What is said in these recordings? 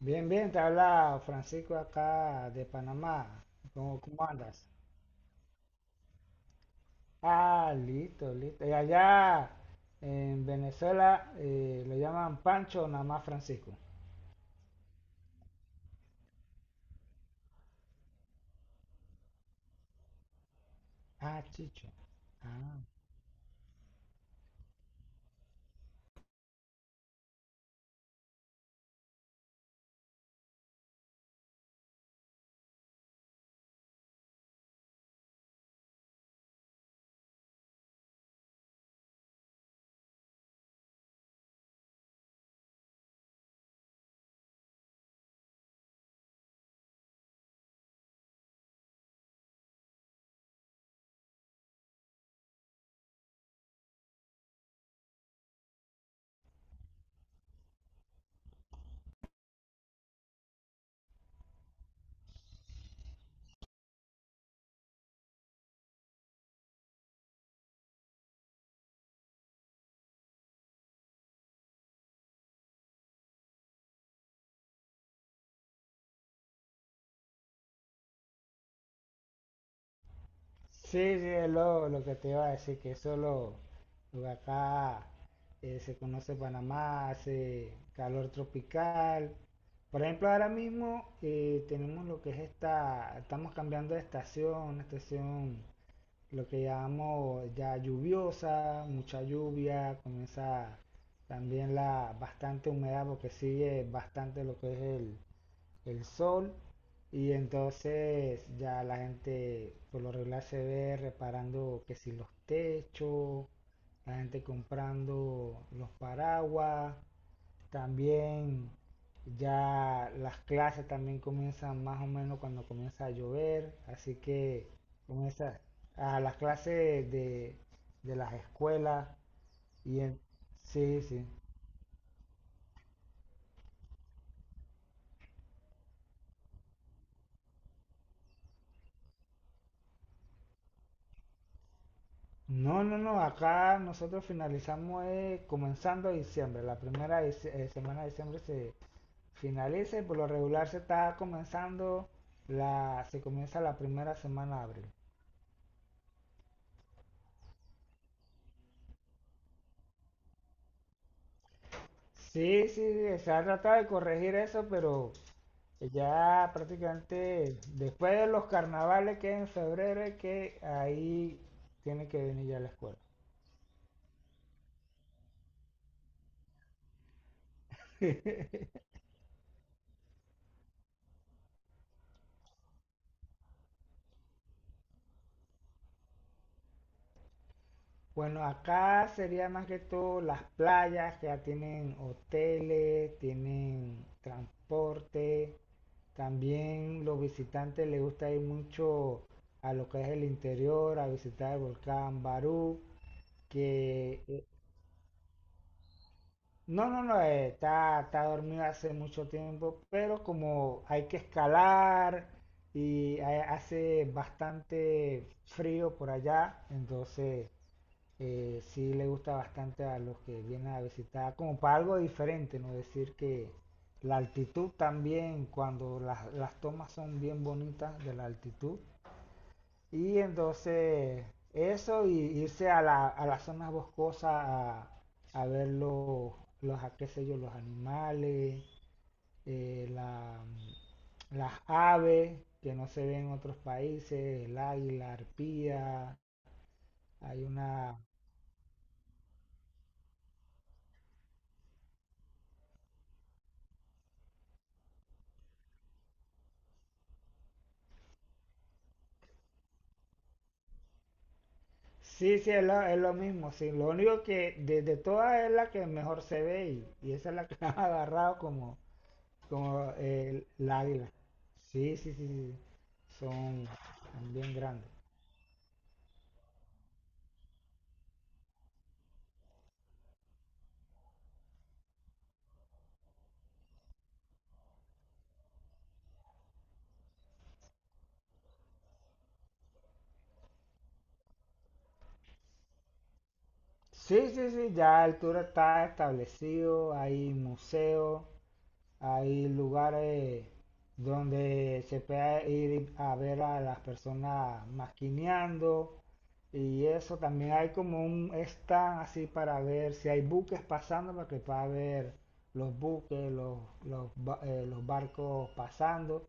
Bien, bien, te habla Francisco acá de Panamá. ¿Cómo andas? Ah, listo, listo. Y allá en Venezuela lo llaman Pancho, o nada más Francisco. Ah, Chicho. Ah. Sí, sí, es lo que te iba a decir, que eso lo que acá se conoce Panamá, hace calor tropical. Por ejemplo, ahora mismo tenemos lo que es esta, estamos cambiando de estación, una estación. Lo que llamamos ya lluviosa, mucha lluvia, comienza también la bastante humedad porque sigue bastante lo que es el sol y entonces ya la gente por lo regular se ve reparando que si los techos, la gente comprando los paraguas también ya las clases también comienzan más o menos cuando comienza a llover, así que comienza a las clases de las escuelas y en- sí, sí. No, no, no, acá nosotros finalizamos comenzando diciembre, la primera semana de diciembre se finaliza y por lo regular se está comenzando la, se comienza la primera semana de abril. Sí, sí, sí, se ha tratado de corregir eso, pero que ya prácticamente después de los carnavales que es en febrero es que ahí tiene que venir ya la escuela. Bueno, acá sería más que todo las playas, que ya tienen hoteles, tienen transporte, también los visitantes les gusta ir mucho a lo que es el interior, a visitar el volcán Barú, que no, no, no, está, está dormido hace mucho tiempo, pero como hay que escalar y hace bastante frío por allá, entonces sí le gusta bastante a los que vienen a visitar, como para algo diferente, ¿no? Decir que la altitud también, cuando las tomas son bien bonitas de la altitud, y entonces eso y irse a la, a las zonas boscosas a ver los, a qué sé yo, los animales, eh, la- las aves que no se ven en otros países, el águila, arpía, hay una... Sí, sí, es lo mismo, sí. Lo único que de todas es la que mejor se ve y esa es la que han agarrado como, como el águila. Sí, sí, sí, sí. Son, son bien grandes. Sí, sí, sí, ya el tour está establecido, hay museos, hay lugares donde se puede ir a ver a las personas maquineando y eso, también hay como un stand así para ver si hay buques pasando, para que pueda ver los buques, los, los, los barcos pasando.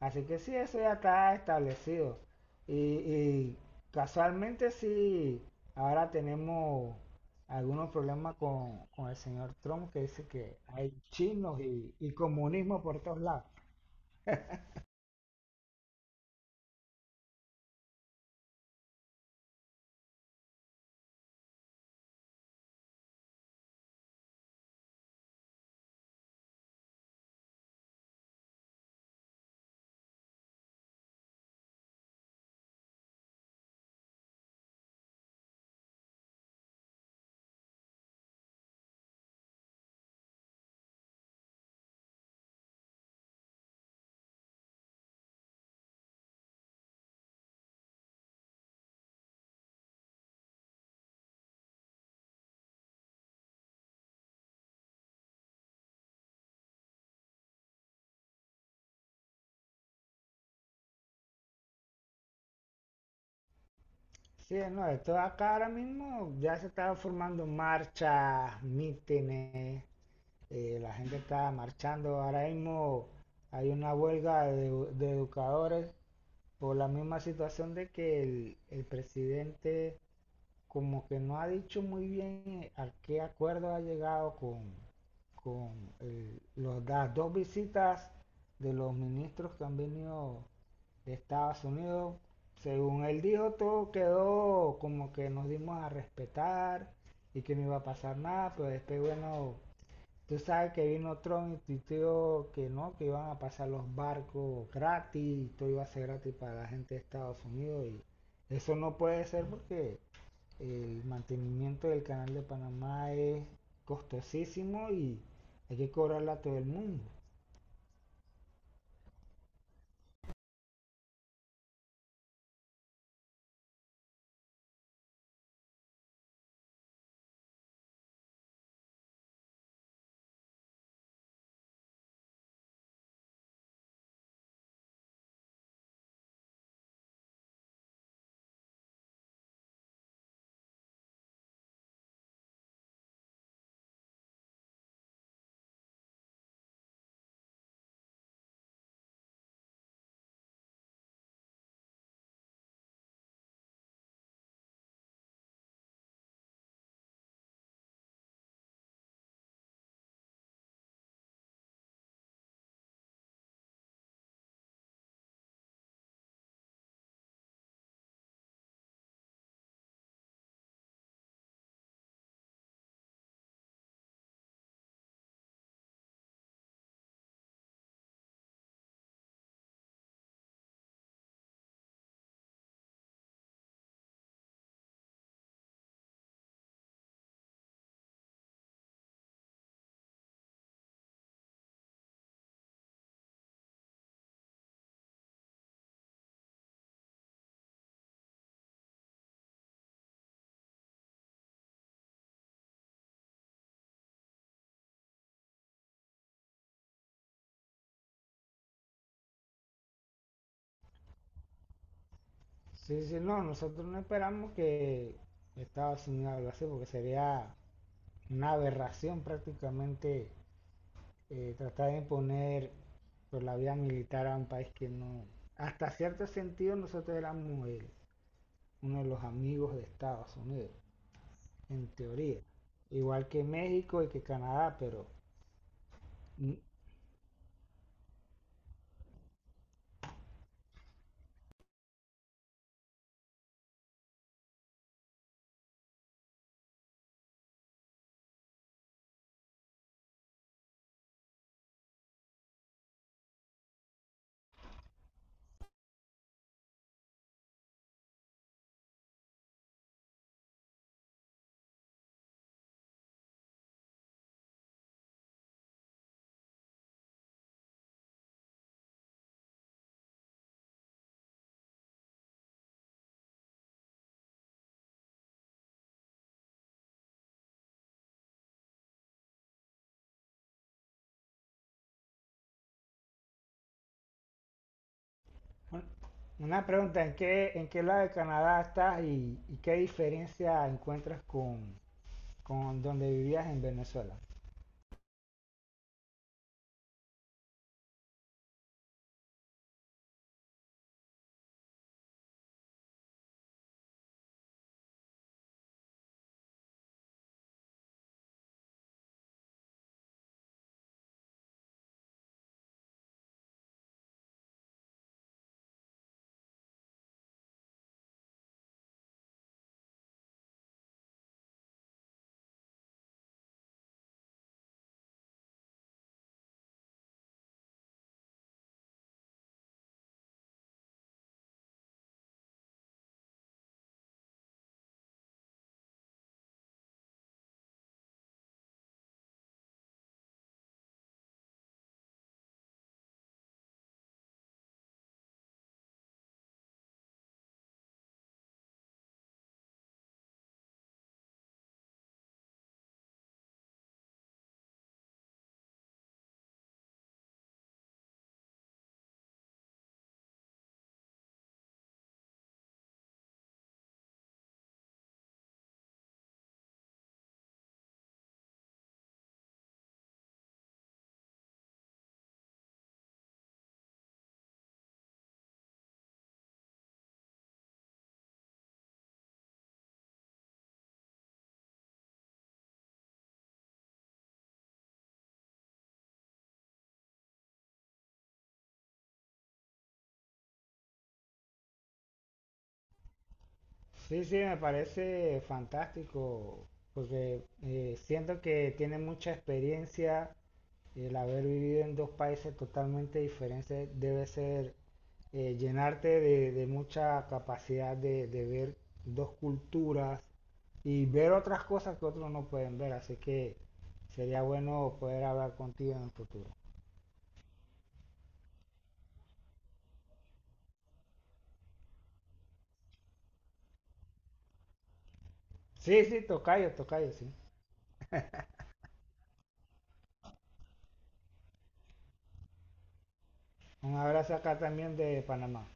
Así que sí, eso ya está establecido. Y, y casualmente sí, ahora tenemos algunos problemas con el señor Trump que dice que hay chinos y comunismo por todos lados. Sí, no, esto acá ahora mismo ya se están formando marchas, mítines, la gente está marchando. Ahora mismo hay una huelga de educadores por la misma situación de que el presidente como que no ha dicho muy bien a qué acuerdo ha llegado con las dos visitas de los ministros que han venido de Estados Unidos. Según él dijo, todo quedó como que nos dimos a respetar y que no iba a pasar nada, pero después, bueno, tú sabes que vino Trump y tuiteó que no, que iban a pasar los barcos gratis y todo iba a ser gratis para la gente de Estados Unidos. Y eso no puede ser porque el mantenimiento del canal de Panamá es costosísimo y hay que cobrarla a todo el mundo. Sí, dice, no, nosotros no esperamos que Estados Unidos lo hace porque sería una aberración prácticamente, tratar de imponer por la vía militar a un país que no, hasta cierto sentido nosotros éramos uno de los amigos de Estados Unidos, en teoría, igual que México y que Canadá, pero mm, bueno, una pregunta, en qué lado de Canadá estás y qué diferencia encuentras con donde vivías en Venezuela? Sí, sí, me parece fantástico porque siento que tiene mucha experiencia, el haber vivido en dos países totalmente diferentes debe ser, llenarte de mucha capacidad de ver dos culturas y ver otras cosas que otros no pueden ver. Así que sería bueno poder hablar contigo en el futuro. Sí, sí, tocayo, tocayo, sí. Un abrazo acá también de Panamá.